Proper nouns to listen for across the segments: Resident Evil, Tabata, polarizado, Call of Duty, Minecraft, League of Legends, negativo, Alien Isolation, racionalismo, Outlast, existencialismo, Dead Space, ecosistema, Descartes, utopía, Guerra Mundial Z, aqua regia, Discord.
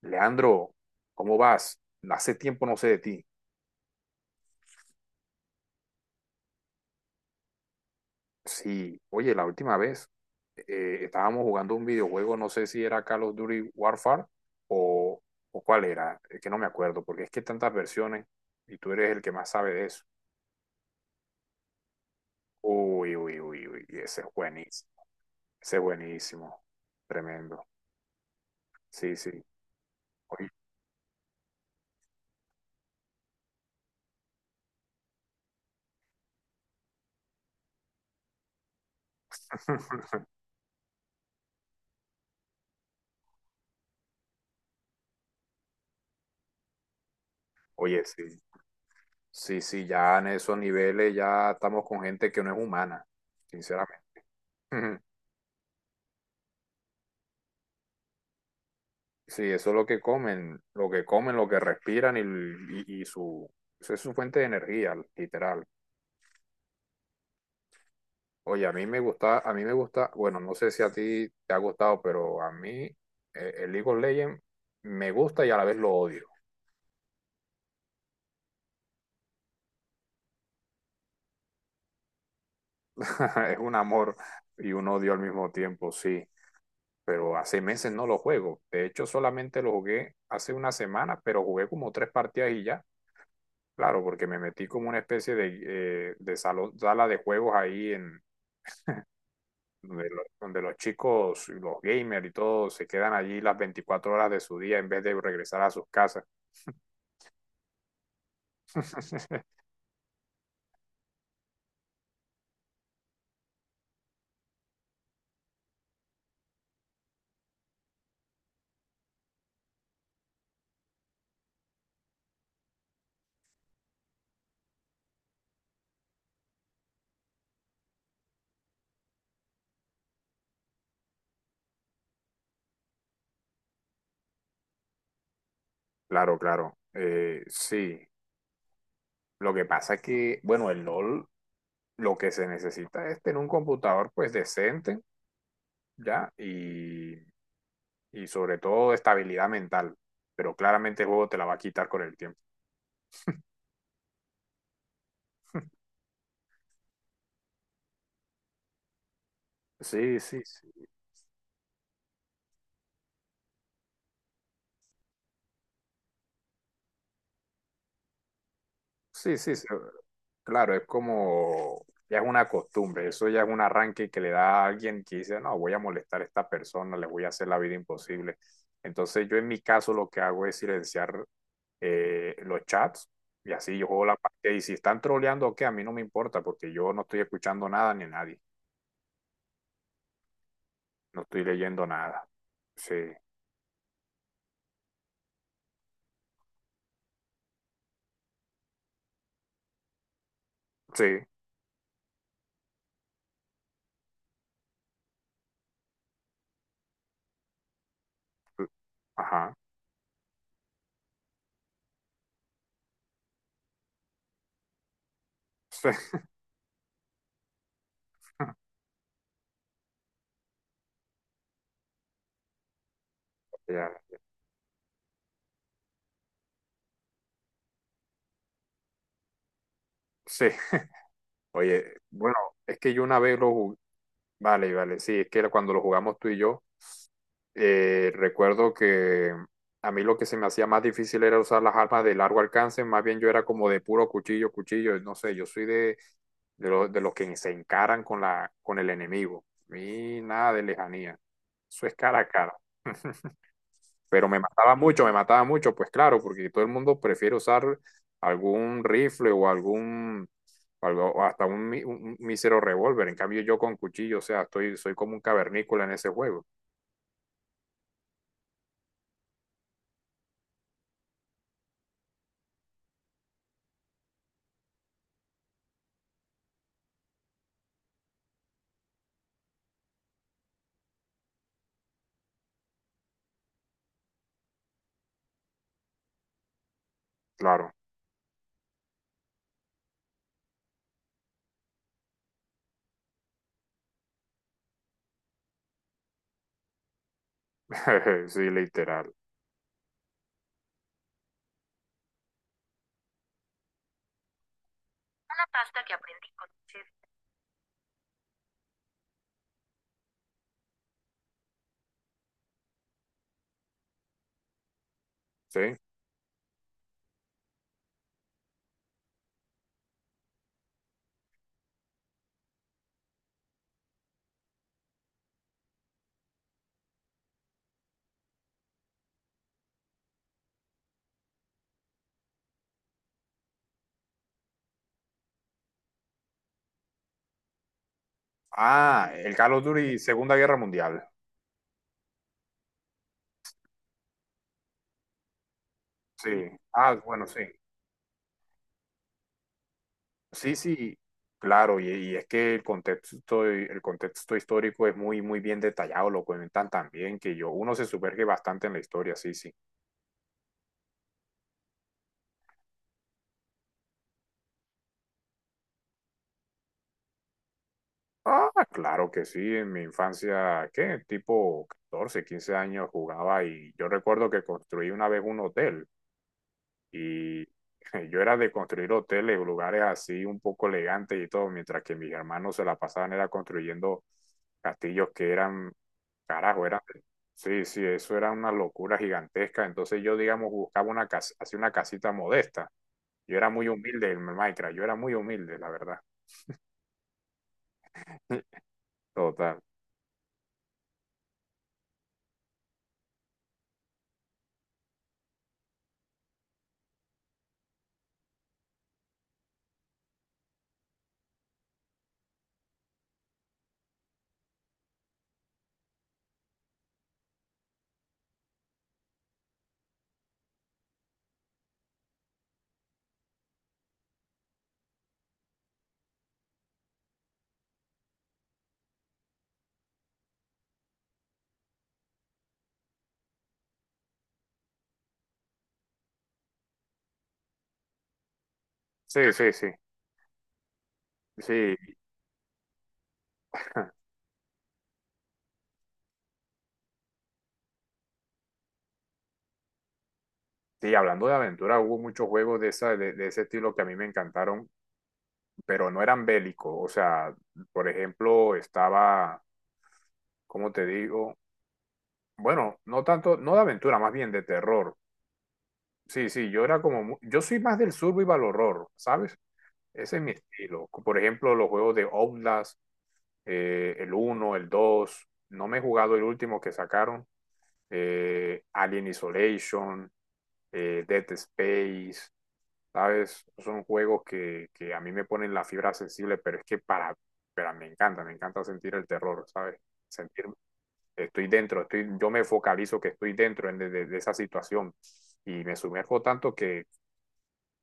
Leandro, ¿cómo vas? Hace tiempo no sé de ti. Sí, oye, la última vez estábamos jugando un videojuego, no sé si era Call of Duty Warfare o, o cuál era, es que no me acuerdo, porque es que hay tantas versiones y tú eres el que más sabe de eso. Uy, uy, uy, uy, y ese es buenísimo, tremendo. Sí, sí. Oye, oye, sí, sí, sí, ya en esos niveles ya estamos con gente que no es humana, sinceramente. Sí, eso es lo que comen, lo que comen, lo que respiran y su, eso es su fuente de energía, literal. Oye, a mí me gusta, a mí me gusta, bueno, no sé si a ti te ha gustado, pero a mí el League of Legends me gusta y a la vez lo odio. Es un amor y un odio al mismo tiempo, sí. Pero hace meses no lo juego. De hecho, solamente lo jugué hace una semana, pero jugué como tres partidas y ya. Claro, porque me metí como una especie de salón, sala de juegos ahí en donde, donde los chicos, y los gamers y todo, se quedan allí las 24 horas de su día en vez de regresar a sus casas. Claro, claro. Sí. Lo que pasa es que, bueno, el LOL lo que se necesita es tener un computador pues decente, ¿ya? Y sobre todo estabilidad mental. Pero claramente el juego te la va a quitar con el tiempo. Sí, sí, sí. Sí, sí, sí. Claro, es como, ya es una costumbre, eso ya es un arranque que le da a alguien que dice, no, voy a molestar a esta persona, le voy a hacer la vida imposible. Entonces yo en mi caso lo que hago es silenciar los chats y así yo juego la parte y si están troleando o qué, a mí no me importa porque yo no estoy escuchando nada ni a nadie, no estoy leyendo nada. Sí, sí, sí, ajá, sí, ya, sí. Oye, bueno, es que yo una vez lo jugué, vale, vale, sí, es que cuando lo jugamos tú y yo recuerdo que a mí lo que se me hacía más difícil era usar las armas de largo alcance, más bien yo era como de puro cuchillo, cuchillo, no sé, yo soy de los que se encaran con la, con el enemigo. A mí nada de lejanía, eso es cara a cara. Pero me mataba mucho, pues claro, porque todo el mundo prefiere usar algún rifle o hasta un, un mísero revólver. En cambio yo con cuchillo, o sea, estoy, soy como un cavernícola en ese juego, claro. Sí, literal. Sí. Ah, el Call of Duty Segunda Guerra Mundial. Sí. Ah, bueno, sí. Sí, sí. Claro, y es que el contexto histórico es muy, muy bien detallado, lo cuentan tan bien que yo, uno se sumerge bastante en la historia, sí, sí. Ah, claro que sí, en mi infancia, ¿qué? Tipo 14, 15 años jugaba y yo recuerdo que construí una vez un hotel. Y yo era de construir hoteles, lugares así un poco elegantes y todo, mientras que mis hermanos se la pasaban era construyendo castillos que eran, carajo, eran, sí, sí, eso era una locura gigantesca. Entonces yo, digamos, buscaba una casa, así una casita modesta. Yo era muy humilde en Minecraft, yo era muy humilde, la verdad. Total. Sí, sí, sí. Sí, sí, hablando de aventura, hubo muchos juegos de ese estilo que a mí me encantaron, pero no eran bélicos. O sea, por ejemplo, estaba como te digo, bueno, no tanto, no de aventura, más bien de terror. Sí, sí, yo era como yo soy más del survival horror, ¿sabes? Ese es mi estilo. Por ejemplo, los juegos de Outlast, el uno el 2 no me he jugado el último que sacaron, Alien Isolation, Dead Space, ¿sabes? Son juegos que a mí me ponen la fibra sensible, pero es que para, pero me encanta sentir el terror, ¿sabes? Sentir estoy dentro, estoy, yo me focalizo que estoy dentro de esa situación y me sumerjo tanto que,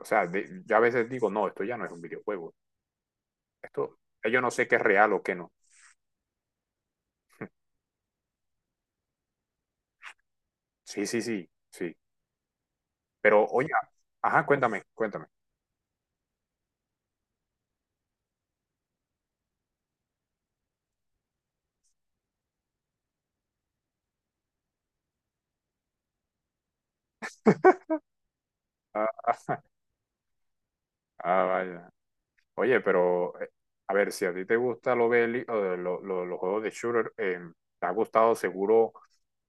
o sea, de, ya a veces digo, no, esto ya no es un videojuego, esto, yo no sé qué es real o qué no. Sí, sí, sí, sí. Pero, oye, ajá, cuéntame, cuéntame. Ah, ah, ah, vaya. Oye, pero, a ver, si a ti te gusta lo los juegos de shooter, te ha gustado seguro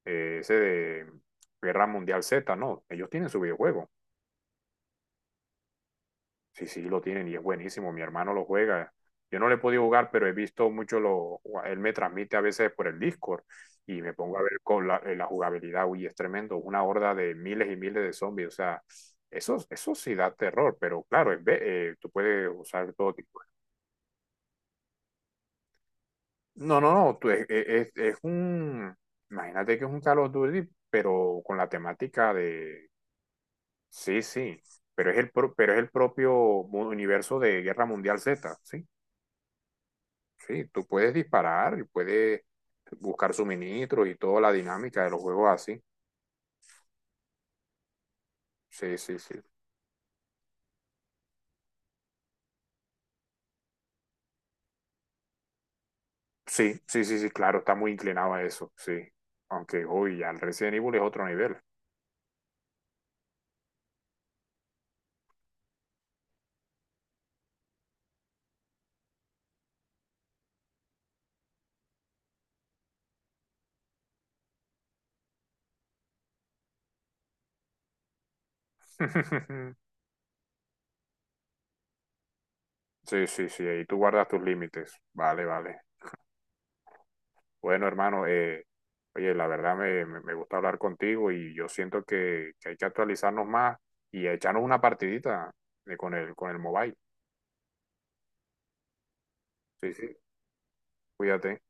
ese de Guerra Mundial Z, ¿no? Ellos tienen su videojuego. Sí, sí, lo tienen y es buenísimo. Mi hermano lo juega. Yo no le he podido jugar, pero he visto mucho lo. Él me transmite a veces por el Discord y me pongo a ver con la, la jugabilidad. Uy, es tremendo. Una horda de miles y miles de zombies. O sea, eso sí da terror, pero claro, tú puedes usar todo tipo. No, no, no. Tú, es un. Imagínate que es un Call of Duty, pero con la temática de. Sí, sí. Pero es pero es el propio universo de Guerra Mundial Z, ¿sí? Sí, tú puedes disparar y puedes buscar suministros y toda la dinámica de los juegos así. Sí, sí, sí. Sí, sí, sí, sí, claro, está muy inclinado a eso, sí. Aunque, uy, al Resident Evil es otro nivel. Sí, sí, sí, ahí tú guardas tus límites. Vale, vale. Bueno, hermano, oye, la verdad me, me, me gusta hablar contigo y yo siento que hay que actualizarnos más y echarnos una partidita con el mobile. Sí, sí, cuídate.